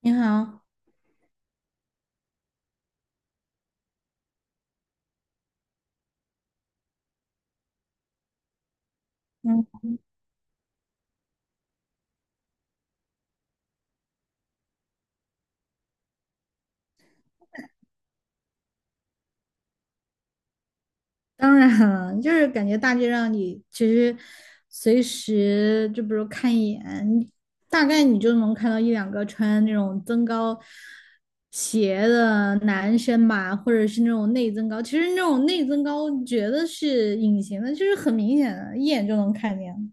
你好，嗯，当然了，就是感觉大街上你其实随时就比如看一眼，你大概你就能看到一两个穿那种增高鞋的男生吧，或者是那种内增高。其实那种内增高觉得是隐形的，就是很明显的，一眼就能看见。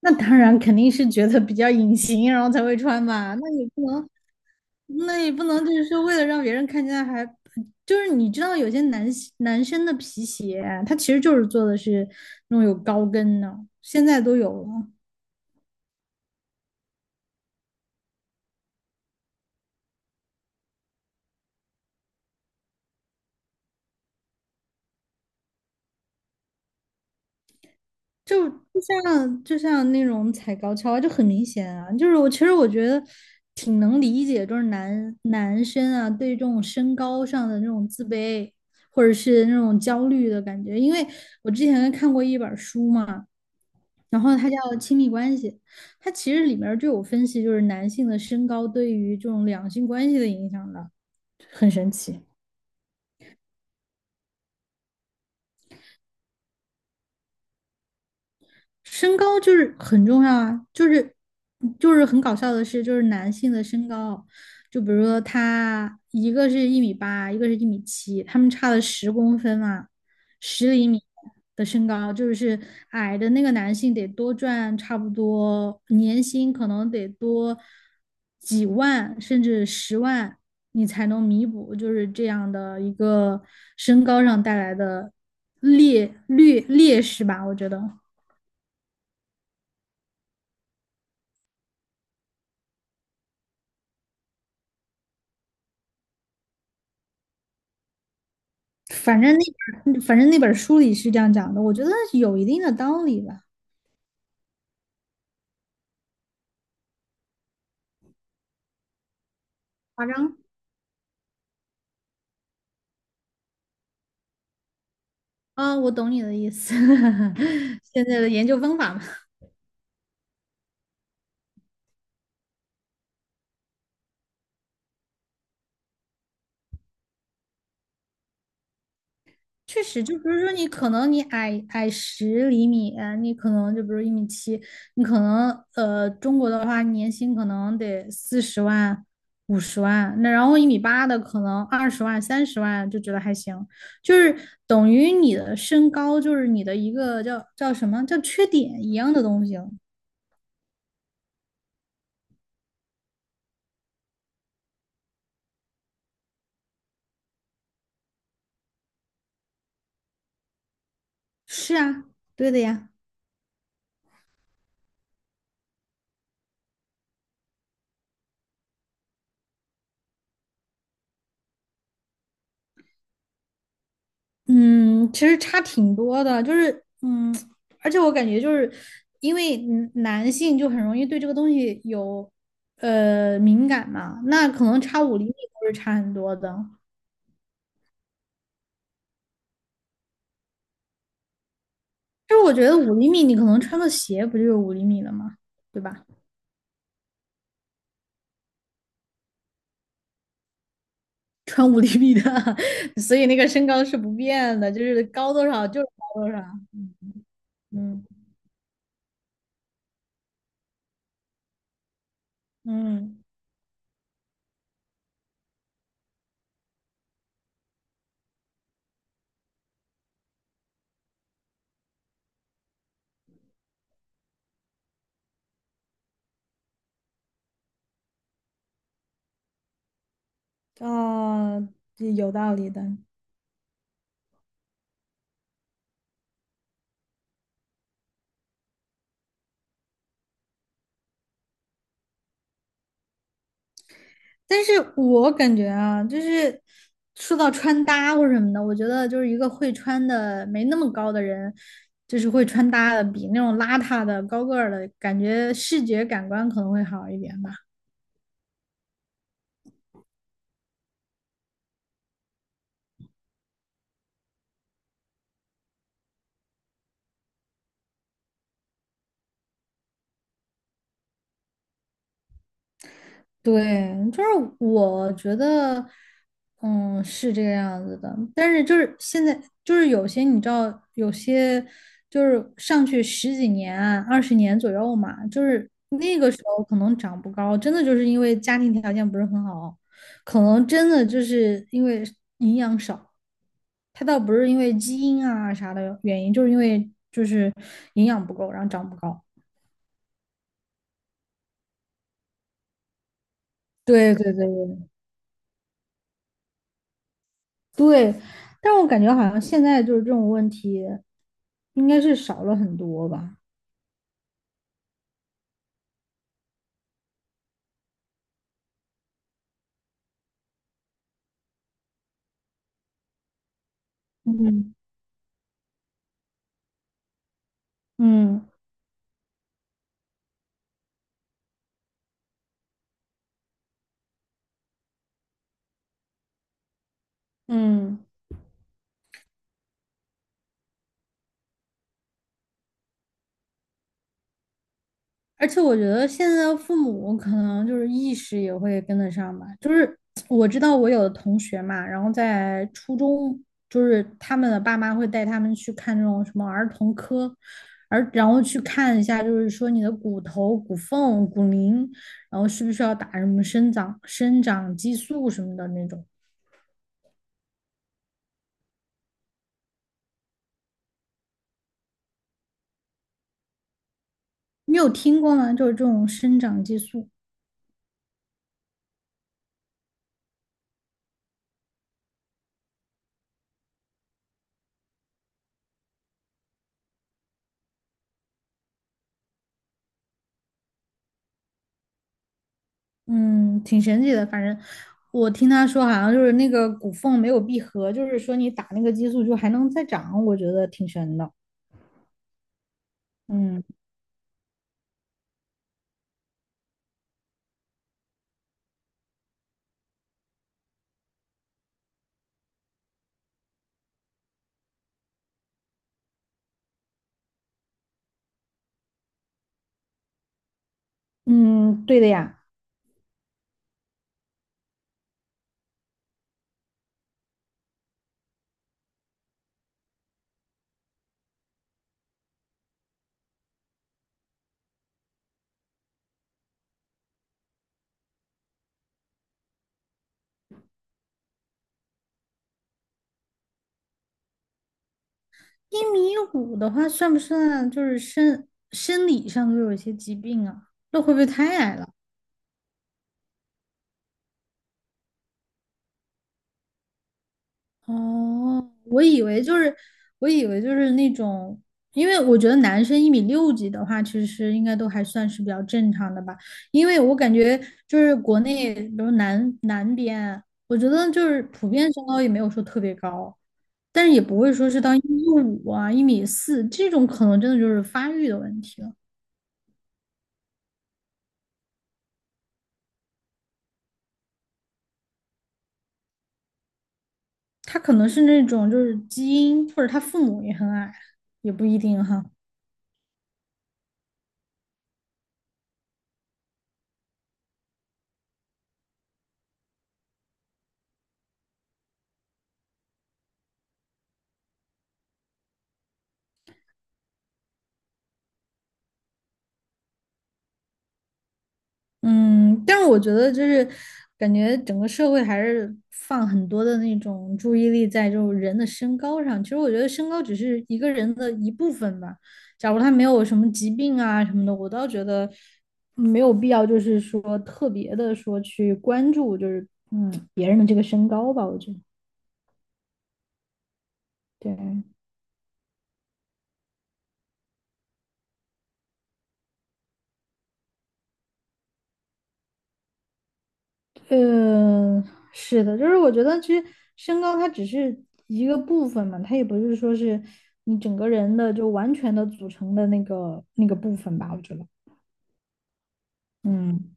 那当然肯定是觉得比较隐形，然后才会穿吧。那也不能就是为了让别人看见，就是你知道有些男生的皮鞋啊，他其实就是做的是那种有高跟的，现在都有了，就就就像那种踩高跷啊，就很明显啊。就是我其实觉得挺能理解，就是男生啊对这种身高上的那种自卑或者是那种焦虑的感觉，因为我之前看过一本书嘛。然后它叫亲密关系，它其实里面儿就有分析，就是男性的身高对于这种两性关系的影响的，很神奇。身高就是很重要啊，就是很搞笑的事，就是男性的身高，就比如说他一个是一米八，一个是一米七，他们差了10公分嘛，十厘米的身高，就是矮的那个男性得多赚差不多年薪可能得多几万甚至十万，你才能弥补就是这样的一个身高上带来的劣势吧，我觉得。反正那本书里是这样讲的，我觉得有一定的道理吧。夸张啊，我懂你的意思。现在的研究方法嘛，确实就比如说你可能矮十厘米，你可能就比如一米七，你可能中国的话年薪可能得40万、50万，那然后一米八的可能20万、30万就觉得还行，就是等于你的身高就是你的一个叫什么叫缺点一样的东西。是啊，对的呀。嗯，其实差挺多的，就是而且我感觉就是因为男性就很容易对这个东西有敏感嘛，那可能差五厘米都是差很多的。就是我觉得五厘米，你可能穿个鞋不就是五厘米了吗？对吧？穿五厘米的，所以那个身高是不变的，就是高多少就是高多少。嗯嗯嗯，哦，有道理的。但是我感觉啊，就是说到穿搭或者什么的，我觉得就是一个会穿的没那么高的人，就是会穿搭的比那种邋遢的高个儿的感觉，视觉感官可能会好一点吧。对，就是我觉得，嗯，是这个样子的。但是就是现在，就是有些你知道，有些就是上去十几年啊20年左右嘛，就是那个时候可能长不高，真的就是因为家庭条件不是很好，可能真的就是因为营养少。它倒不是因为基因啊啥的原因，就是因为就是营养不够，然后长不高。对对对对，但我感觉好像现在就是这种问题，应该是少了很多吧。嗯嗯嗯，而且我觉得现在的父母可能就是意识也会跟得上吧。就是我知道我有的同学嘛，然后在初中，就是他们的爸妈会带他们去看这种什么儿童科，然后去看一下，就是说你的骨头、骨缝、骨龄，然后需不需要打什么生长激素什么的那种。你有听过吗？就是这种生长激素，嗯，挺神奇的。反正我听他说，好像就是那个骨缝没有闭合，就是说你打那个激素就还能再长，我觉得挺神的。嗯嗯，对的呀。一米五的话，算不算就是生理上都有一些疾病啊？那会不会太矮了？哦，我以为就是那种，因为我觉得男生一米六几的话，其实应该都还算是比较正常的吧。因为我感觉就是国内，比如南边，我觉得就是普遍身高也没有说特别高，但是也不会说是到一米五啊、1.4米这种，可能真的就是发育的问题了。他可能是那种就是基因，或者他父母也很矮，也不一定哈。嗯，但是我觉得就是感觉整个社会还是放很多的那种注意力在这种人的身高上。其实我觉得身高只是一个人的一部分吧。假如他没有什么疾病啊什么的，我倒觉得没有必要，就是说特别的说去关注就是别人的这个身高吧。我觉得对。嗯，是的，就是我觉得其实身高它只是一个部分嘛，它也不是说是你整个人的就完全的组成的那个部分吧，我觉得。嗯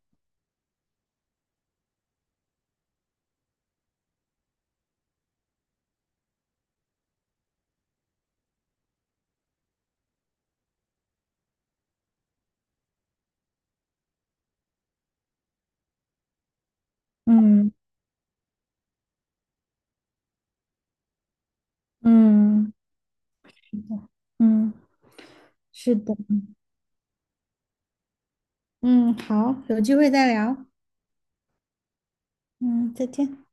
嗯嗯，是的，嗯，是的，嗯，好，有机会再聊，嗯，再见。